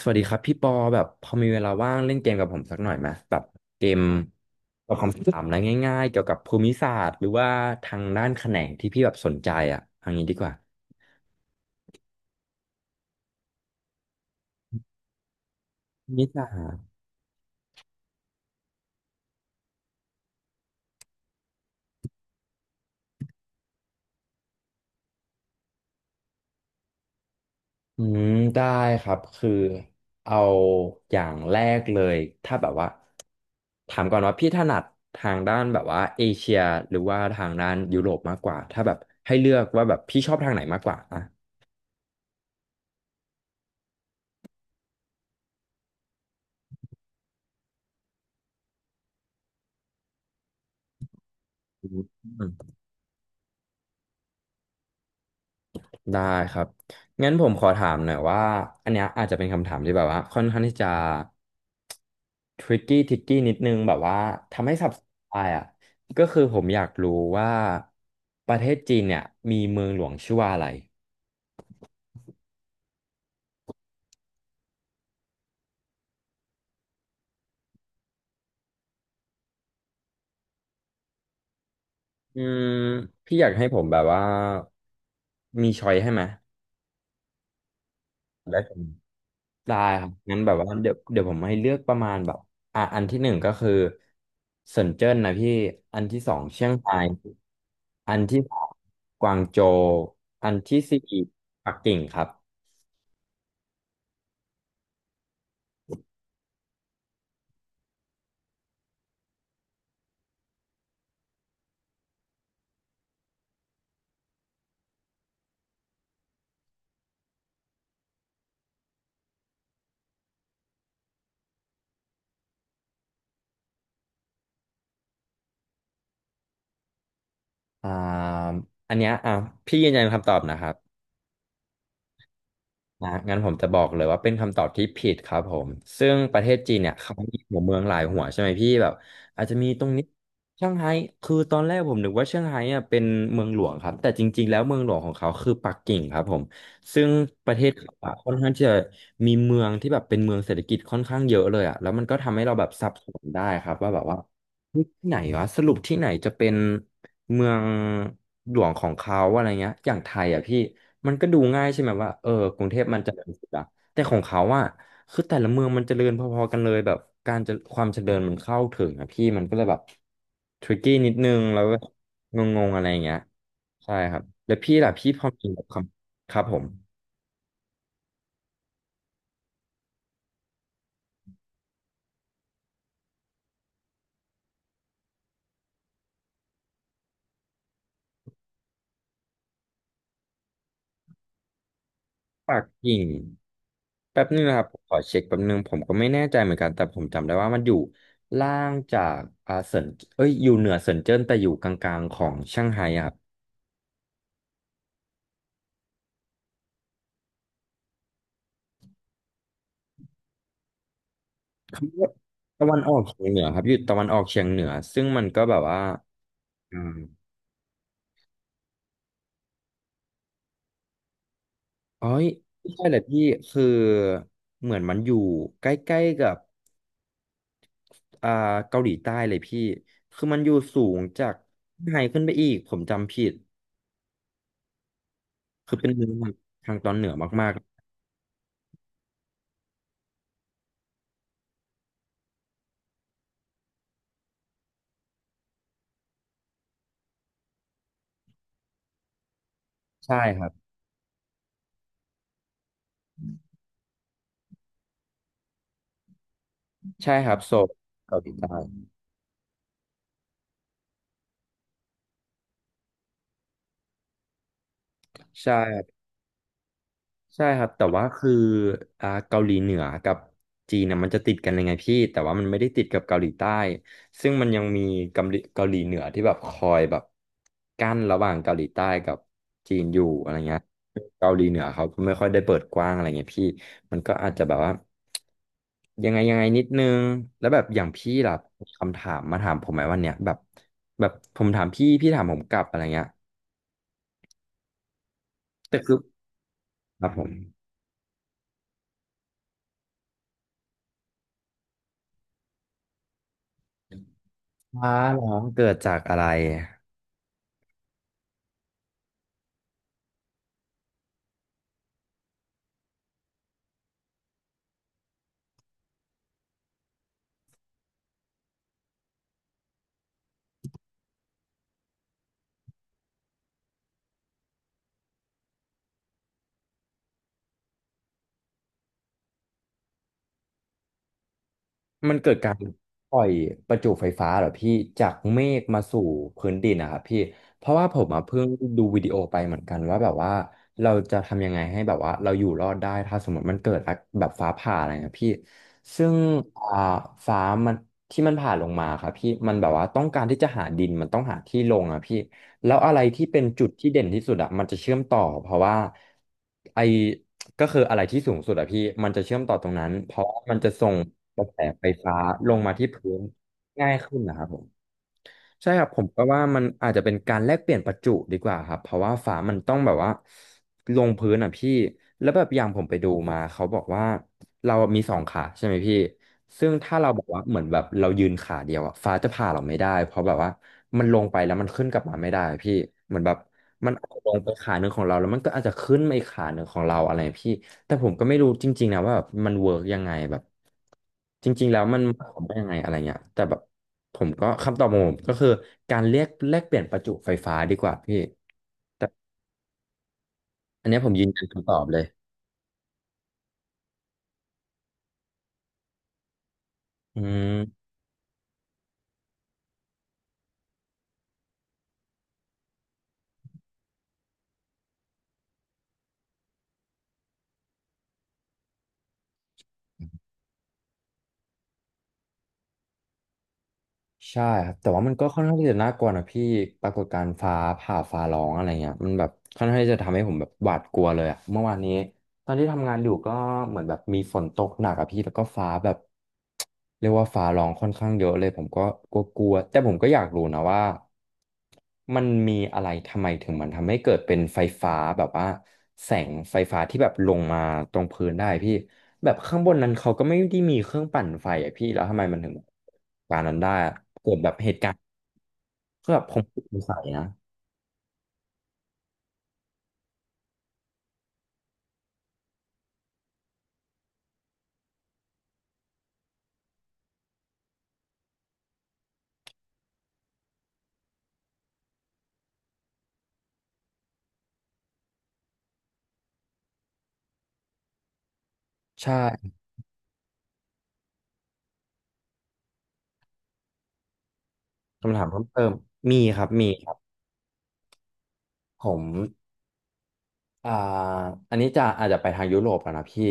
สวัสดีครับพี่ปอแบบพอมีเวลาว่างเล่นเกมกับผมสักหน่อยไหมแบบเกมตอบคำถามอะไรง่ายๆเกี่ยวกับภูมิศาสตร์หรือว่าทางด้านแขนงที่พี่แบบสนใจอ่ะเอย่างนี้ดีกว่าภูมิศาสตร์อืมได้ครับคือเอาอย่างแรกเลยถ้าแบบว่าถามก่อนว่าพี่ถนัดทางด้านแบบว่าเอเชียหรือว่าทางด้านยุโรปมากกว่าถ้าแบบให้เลือกว่าแบบพี่ชอบทางไหนมากกว่าอ่ะอืม ได้ครับ งั้นผมขอถามหน่อยว่า อันเนี้ยอาจจะเป็นคำถามที่แบบว่าค่อนข้างที่จะทริกกี้ทิกกี้นิดนึงแบบว่าทำให้สับสนไปออะก็คือผมอยากรู้ว่าประเทศจีนเนี่ยมีเมืองหลวงชื่อว่าอะไรอืมพี่อยากให้ผมแบบว่ามีช้อยให้ไหมได้ ได้ครับงั้นแบบว่าเดี๋ยวผมให้เลือกประมาณแบบอ่ะอันที่หนึ่งก็คือเซินเจิ้นนะพี่อันที่สองเชียงรายอันที่สามกวางโจวอันที่สี่ปักกิ่งครับอ่าอันเนี้ยอ่ะพี่ยืนยันคำตอบนะครับ นะงั้นผมจะบอกเลยว่าเป็นคำตอบที่ผิดครับผมซึ่งประเทศจีนเนี่ยเขามีหัวเมืองหลายหัวใช่ไหมพี่แบบอาจจะมีตรงนี้เซี่ยงไฮ้คือตอนแรกผมนึกว่าเซี่ยงไฮ้เนี่ยเป็นเมืองหลวงครับแต่จริงๆแล้วเมืองหลวงของเขาคือปักกิ่งครับผมซึ่งประเทศเขาอะค่อนข้างที่จะมีเมืองที่แบบเป็นเมืองเศรษฐกิจค่อนข้างเยอะเลยอ่ะแล้วมันก็ทำให้เราแบบสับสนได้ครับว่าแบบว่าเฮ้ยที่ไหนวะสรุปที่ไหนจะเป็นเมืองหลวงของเขาอะไรเงี้ยอย่างไทยอ่ะพี่ มันก็ดูง่ายใช่ไหมว่าเออกรุงเทพมันเจริญสุดอะแต่ของเขาอะคือแต่ละเมืองมันเจริญพอๆกันเลยแบบการจะความเจริญมันเข้าถึงอะพี่มันก็เลยแบบทริกกี้นิดนึงแล้วก็งงๆอะไรอย่างเงี้ยใช่ครับแล้วพี่ล่ะพี่พอมีคำครับผมปักกิ่งแป๊บนึงนะครับผมขอเช็คแป๊บนึงผมก็ไม่แน่ใจเหมือนกันแต่ผมจำได้ว่ามันอยู่ล่างจากอาเซินเอ้ยอยู่เหนือเซินเจิ้นแต่อยู่กลางๆของเซี่ยงไฮ้อะ คำว่าตะวันออกเฉียงเหนือครับอยู่ตะวันออกเฉียงเหนือซึ่งมันก็แบบว่าอ่าเอ้ยไม่ใช่เลยพี่คือเหมือนมันอยู่ใกล้ๆกับอ่าเกาหลีใต้เลยพี่คือมันอยู่สูงจากไฮขึ้นไปอีกผมจำผิดคือเป็นเมืองทางตอนเหนือมากๆใช่ครับใช่ครับโซลเกาหลีใต้ใช่ ใช่ครับแต่ว่าคืออ่าเกาหลีเหนือกับจีนนะมันจะติดกันยังไงพี่แต่ว่ามันไม่ได้ติดกับเกาหลีใต้ซึ่งมันยังมีเกาหลีเหนือที่แบบคอยแบบกั้นระหว่างเกาหลีใต้กับจีนอยู่อะไรเงี้ยเกาหลีเหนือเขาก็ไม่ค่อยได้เปิดกว้างอะไรเงี้ยพี่มันก็อาจจะแบบว่ายังไงยังไงนิดนึงแล้วแบบอย่างพี่ล่ะมีคำถามมาถามผมไหมวันเนี้ยแบบแบบผมถามพี่พี่ถามผมกลับอะไรเงี้ยแต่คือครับผมอ้าเหรอเกิดจากอะไร มันเกิดการปล่อยประจุไฟฟ้าเหรอพี่จากเมฆมาสู่พื้นดินนะครับพี่เพราะว่าผมอะเพิ่งดูวิดีโอไปเหมือนกันว่าแบบว่าเราจะทำยังไงให้แบบว่าเราอยู่รอดได้ถ้าสมมติมันเกิดแบบฟ้าผ่าอะไรนะพี่ซึ่งอ่าฟ้ามันที่มันผ่าลงมาครับพี่มันแบบว่าต้องการที่จะหาดินมันต้องหาที่ลงอะพี่แล้วอะไรที่เป็นจุดที่เด่นที่สุดอะมันจะเชื่อมต่อเพราะว่าไอ ก็คืออะไรที่สูงสุดอะพี่มันจะเชื่อมต่อตรงนั้นเพราะมันจะส่งกระแสไฟฟ้าลงมาที่พื้นง่ายขึ้นนะครับผมใช่ครับผมก็ว่ามันอาจจะเป็นการแลกเปลี่ยนประจุดีกว่าครับเพราะว่าฝามันต้องแบบว่าลงพื้นอ่ะพี่แล้วแบบอย่างผมไปดูมาเขาบอกว่าเรามีสองขาใช่ไหมพี่ซึ่งถ้าเราบอกว่าเหมือนแบบเรายืนขาเดียวอ่ะฟ้าจะผ่าเราไม่ได้เพราะแบบว่ามันลงไปแล้วมันขึ้นกลับมาไม่ได้อะพี่เหมือนแบบมันอาจจะลงไปขาหนึ่งของเราแล้วมันก็อาจจะขึ้นมาอีกขาหนึ่งของเราอะไรพี่ แต่ผมก็ไม่รู้จริงๆนะว่าแบบมันเวิร์กยังไงแบบจริงๆแล้วมันหมายว่ายังไงอะไรเงี้ยแต่แบบผมก็คำตอบของผมก็คือการเรียกแลกเปลี่ยนประจุไฟฟ้าดีกว่าพี่แต่อันเนี้ยผมยืนยันคำตอบเลยอืม ใช่ครับแต่ว่ามันก็ค่อนข้างที่จะน่ากลัวนะพี่ปรากฏการณ์ฟ้าผ่าฟ้าร้องอะไรเงี้ยมันแบบค่อนข้างที่จะทำให้ผมแบบหวาดกลัวเลยอะเมื่อวานนี้ตอนที่ทำงานอยู่ก็เหมือนแบบมีฝนตกหนักอะพี่แล้วก็ฟ้าแบบเรียกว่าฟ้าร้องค่อนข้างเยอะเลยผมก็กลัวๆแต่ผมก็อยากรู้นะว่ามันมีอะไรทำไมถึงมันทำให้เกิดเป็นไฟฟ้าแบบว่าแสงไฟฟ้าที่แบบลงมาตรงพื้นได้พี่ แบบข้างบนนั้นเขาก็ไม่ได้มีเครื่องปั่นไฟอะพี่แล้วทำไมมันถึงการนั้นได้อะเกิดแบบเหตุการณ์ก็แบบผมสงสัยนะใช่คำถามเพิ่มเติมมีครับมีครับผม อ่าอันนี้จะอาจจะไปทางยุโรปแล้วนะพี่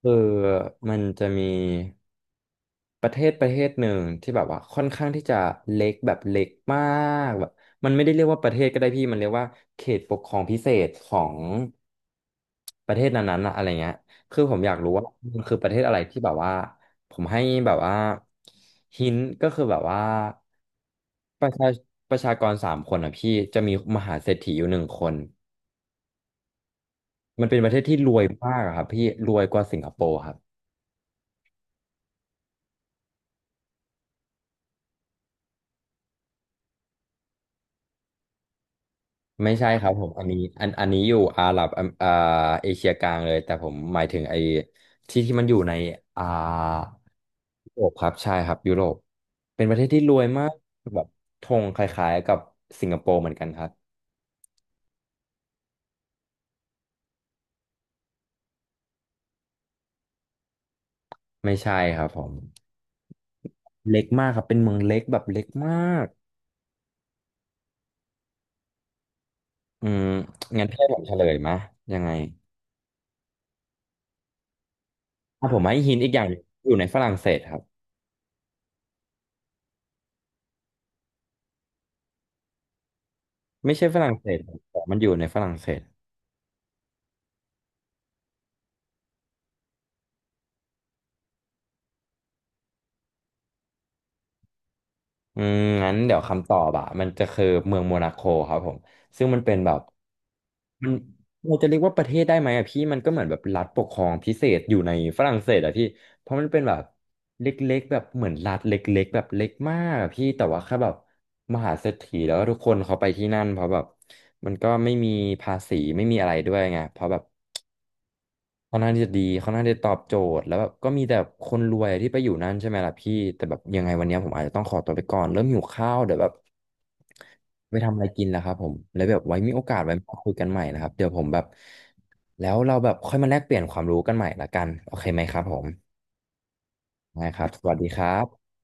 คือมันจะมีประเทศหนึ่งที่แบบว่าค่อนข้างที่จะเล็กแบบเล็กมากแบบมันไม่ได้เรียกว่าประเทศก็ได้พี่มันเรียกว่าเขตปกครองพิเศษของประเทศนั้นๆนะอะไรเงี้ยคือผมอยากรู้ว่ามันคือประเทศอะไรที่แบบว่าผมให้แบบว่าหินก็คือแบบว่าประชาประชากร3 คนอ่ะพี่จะมีมหาเศรษฐีอยู่1 คน มันเป็นประเทศที่รวยมากอะครับพี่รวยกว่าสิงคโปร์ครับไม่ใช่ครับผมอันนี้อันนี้อยู่อาหรับอมเอเชียกลางเลยแต่ผมหมายถึงไอ้ที่ที่มันอยู่ในอ่ายุโรปครับใช่ครับยุโรปเป็นประเทศที่รวยมากแบบธงคล้ายๆกับสิงคโปร์เหมือนกันครับไม่ใช่ครับผมเล็กมากครับเป็นเมืองเล็กแบบเล็กมากอืมงั้นพี่ให้ผมเฉลยมะยังไงถ้าผมให้หินอีกอย่างหนึ่งอยู่ในฝรั่งเศสครับไม่ใช่ฝรั่งเศสครับแต่มันอยู่ในฝรั่งเศส อืมงั้นเดี๋ยวคำตอบอะมันจะคือเมืองโมนาโคครับผมซึ่งมันเป็นแบบมันเราจะเรียกว่าประเทศได้ไหมอะพี่มันก็เหมือนแบบรัฐปกครองพิเศษอยู่ในฝรั่งเศสอะพี่เพราะมันเป็นแบบเล็กๆแบบเหมือนรัฐเล็กๆแบบเล็กมากอะพี่แต่ว่าแค่แบบมหาเศรษฐีแล้วทุกคนเขาไปที่นั่นเพราะแบบมันก็ไม่มีภาษีไม่มีอะไรด้วยไงเพราะแบบ ค่อนข้างที่จะดีค่อนข้างที่จะตอบโจทย์แล้วแบบก็มีแต่คนรวยที่ไปอยู่นั่นใช่ไหมล่ะพี่แต่แบบยังไงวันเนี้ยผมอาจจะต้องขอตัวไปก่อนเริ่มหิวข้าวเดี๋ยวแบบไปทำอะไรกินแล้วครับผมแล้วแบบไว้มีโอกาสไว้มาคุยกันใหม่นะครับเดี๋ยวผมแบบแล้วเราแบบค่อยมาแลกเปลี่ยนความรู้กันใหม่ละกันโอเคไหมครับผมได้ครับสวัสดีครับ